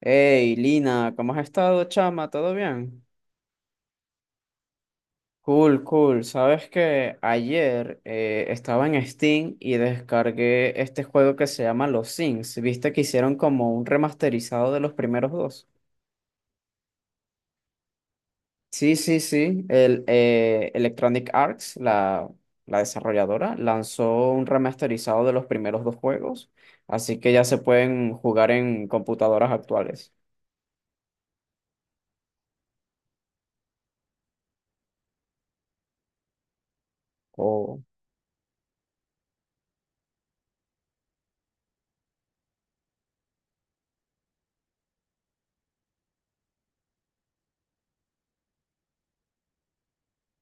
Hey, Lina, ¿cómo has estado, chama? ¿Todo bien? Cool, cool. Sabes que ayer estaba en Steam y descargué este juego que se llama Los Sims. ¿Viste que hicieron como un remasterizado de los primeros dos? Sí, sí, sí. Electronic Arts, la desarrolladora, lanzó un remasterizado de los primeros dos juegos, así que ya se pueden jugar en computadoras actuales. Oh.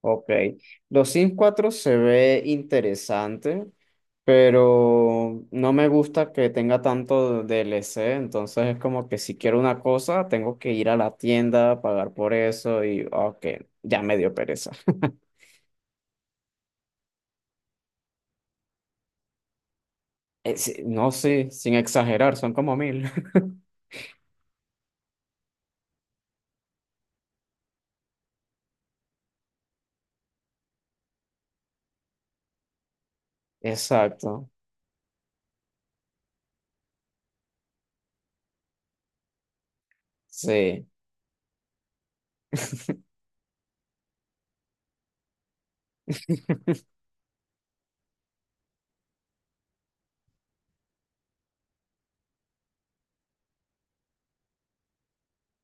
Ok, los Sims 4 se ve interesante, pero no me gusta que tenga tanto DLC, entonces es como que si quiero una cosa, tengo que ir a la tienda, pagar por eso y, ok, ya me dio pereza. Sí, no, sí, sin exagerar, son como mil. Exacto, sí.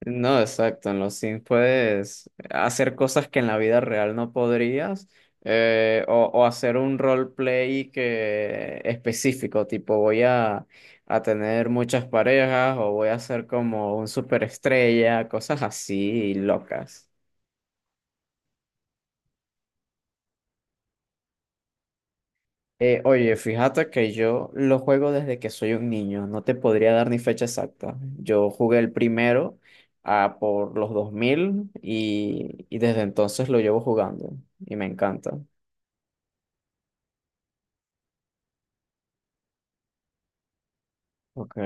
No, exacto. En los Sims puedes hacer cosas que en la vida real no podrías, o hacer un roleplay que específico, tipo a tener muchas parejas o voy a ser como un superestrella, cosas así locas. Oye, fíjate que yo lo juego desde que soy un niño, no te podría dar ni fecha exacta. Yo jugué el primero ah, por los 2000 y desde entonces lo llevo jugando y me encanta. Ok.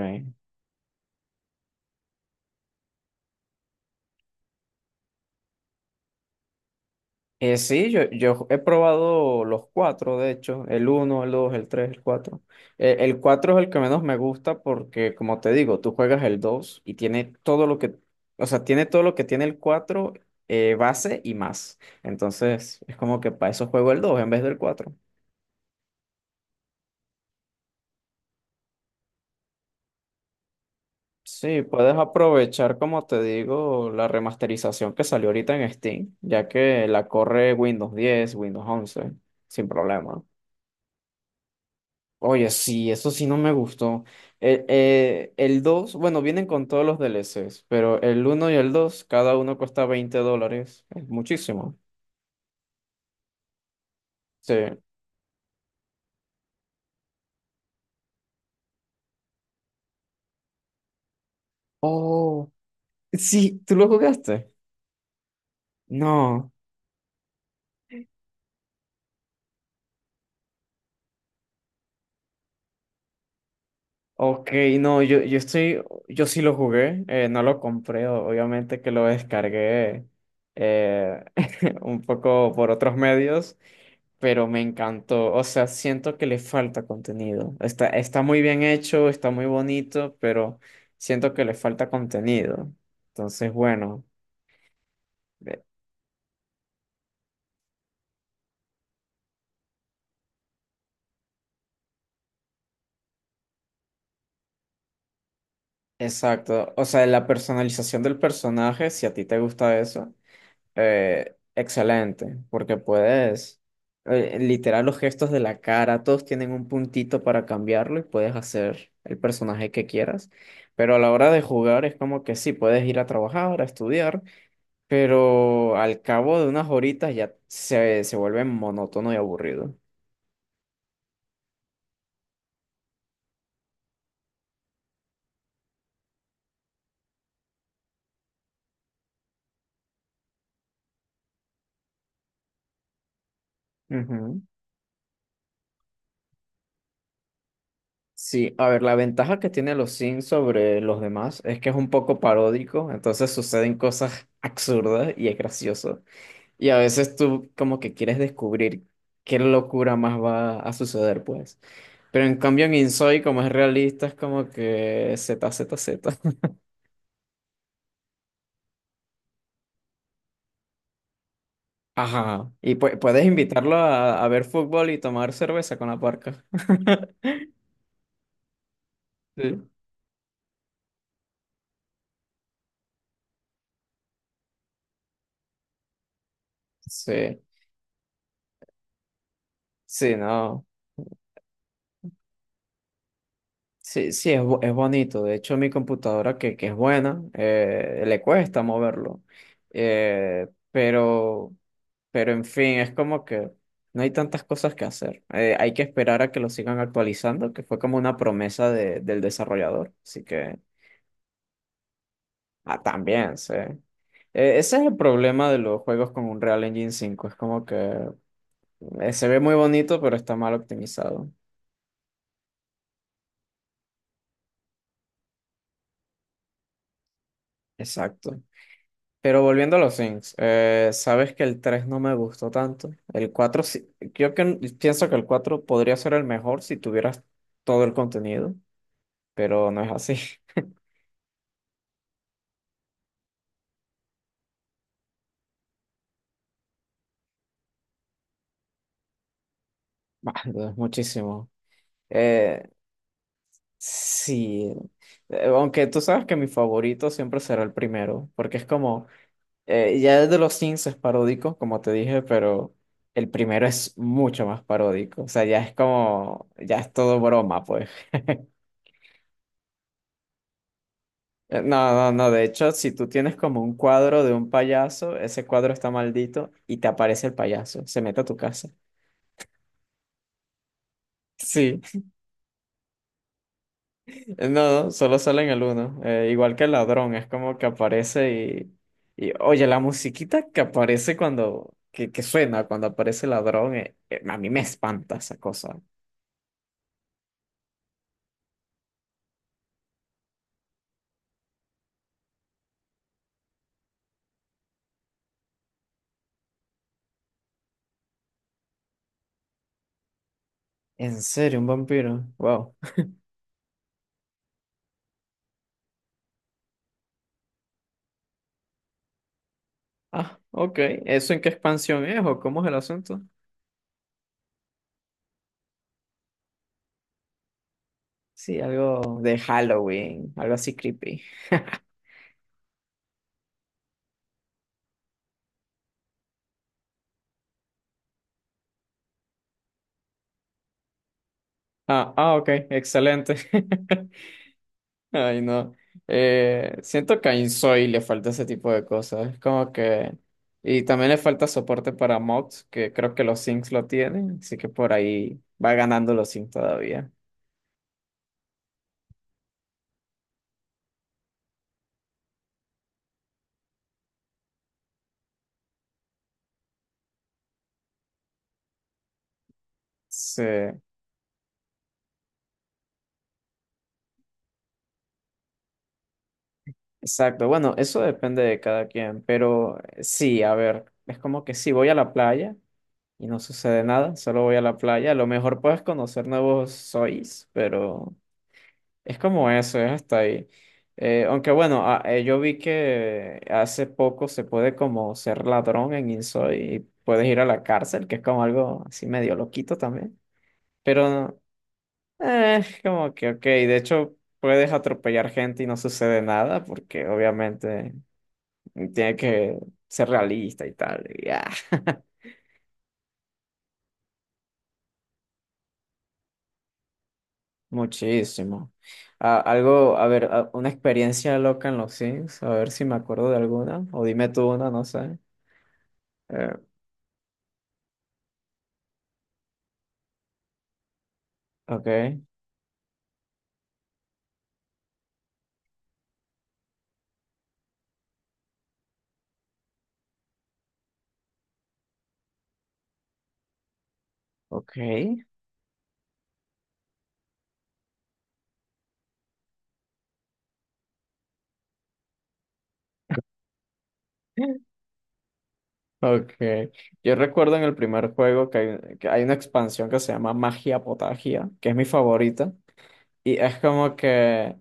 Yo he probado los cuatro, de hecho, el uno, el dos, el tres, el cuatro. El cuatro es el que menos me gusta porque, como te digo, tú juegas el dos y tiene o sea, tiene todo lo que tiene el cuatro base y más. Entonces, es como que para eso juego el dos en vez del cuatro. Sí, puedes aprovechar, como te digo, la remasterización que salió ahorita en Steam, ya que la corre Windows 10 Windows 11 sin problema. Oye, sí, eso sí no me gustó. El 2, bueno, vienen con todos los DLCs, pero el uno y el 2, cada uno cuesta $20. Es muchísimo. Sí. Oh, sí, ¿tú lo jugaste? No. Ok, no, yo sí lo jugué, no lo compré, obviamente que lo descargué eh, un poco por otros medios. Pero me encantó. O sea, siento que le falta contenido. Está muy bien hecho, está muy bonito, pero siento que le falta contenido. Entonces, bueno, eh, exacto. O sea, la personalización del personaje, si a ti te gusta eso, excelente, porque puedes... literal, los gestos de la cara, todos tienen un puntito para cambiarlo y puedes hacer el personaje que quieras. Pero a la hora de jugar es como que sí, puedes ir a trabajar, a estudiar, pero al cabo de unas horitas se vuelve monótono y aburrido. Ujú. Sí, a ver, la ventaja que tiene los Sims sobre los demás es que es un poco paródico, entonces suceden cosas absurdas y es gracioso. Y a veces tú como que quieres descubrir qué locura más va a suceder, pues. Pero en cambio en Insoy, como es realista, es como que Z, Z, Z. Ajá. Y puedes invitarlo a ver fútbol y tomar cerveza con la parca. Sí. Sí, sí, no. Sí, sí, es, es bonito. De hecho, mi computadora, que es buena, le cuesta moverlo. Eh, pero, pero, en fin, es como que no hay tantas cosas que hacer. Hay que esperar a que lo sigan actualizando, que fue como una promesa del desarrollador. Así que, ah, también, sí. Ese es el problema de los juegos con Unreal Engine 5. Es como que se ve muy bonito, pero está mal optimizado. Exacto. Pero volviendo a los Things, sabes que el 3 no me gustó tanto. Yo que, pienso que el 4 podría ser el mejor si tuvieras todo el contenido, pero no es así. Bueno, es muchísimo. Eh, sí, aunque tú sabes que mi favorito siempre será el primero, porque es como, ya el de los Things es paródico, como te dije, pero el primero es mucho más paródico. O sea, ya es como, ya es todo broma, pues. No, de hecho, si tú tienes como un cuadro de un payaso, ese cuadro está maldito y te aparece el payaso, se mete a tu casa. Sí, no, no, solo sale en el uno, igual que el ladrón, es como que aparece y oye, la musiquita que aparece que suena cuando aparece el ladrón, a mí me espanta esa cosa. ¿En serio, un vampiro? Wow. Ah, ok, ¿eso en qué expansión es o cómo es el asunto? Sí, algo de Halloween, algo así creepy. Ah, ah, ok, excelente. Ay, no. Siento que a Insoy le falta ese tipo de cosas. Es como que. Y también le falta soporte para mods, que creo que los Sims lo tienen. Así que por ahí va ganando los Sims todavía. Sí, exacto. Bueno, eso depende de cada quien. Pero sí, a ver. Es como que si voy a la playa y no sucede nada, solo voy a la playa. A lo mejor puedes conocer nuevos Sois, pero. Es como eso, es hasta ahí. Yo vi que hace poco se puede como ser ladrón en Insoy y puedes ir a la cárcel, que es como algo así medio loquito también. Pero es como que, ok, de hecho puedes atropellar gente y no sucede nada porque obviamente tiene que ser realista y tal. Y ya. Muchísimo. Ah, algo, a ver, ah, una experiencia loca en los Sims, a ver si me acuerdo de alguna, o dime tú una, no sé. Eh, Okay, okay, okay. Yo recuerdo en el primer juego que hay una expansión que se llama Magia Potagia, que es mi favorita. Y es como que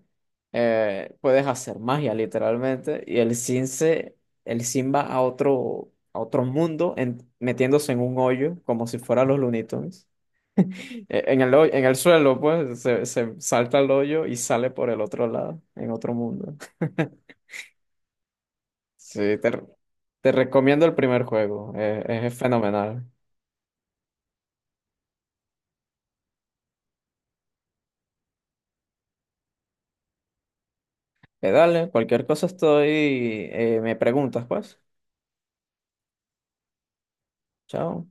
puedes hacer magia literalmente. Y el Sin va a otro mundo metiéndose en un hoyo como si fuera los Looney Tunes. En el suelo, pues, se salta al hoyo y sale por el otro lado, en otro mundo. Sí, te, te recomiendo el primer juego, es fenomenal. Dale, cualquier cosa estoy, me preguntas, pues. Chao.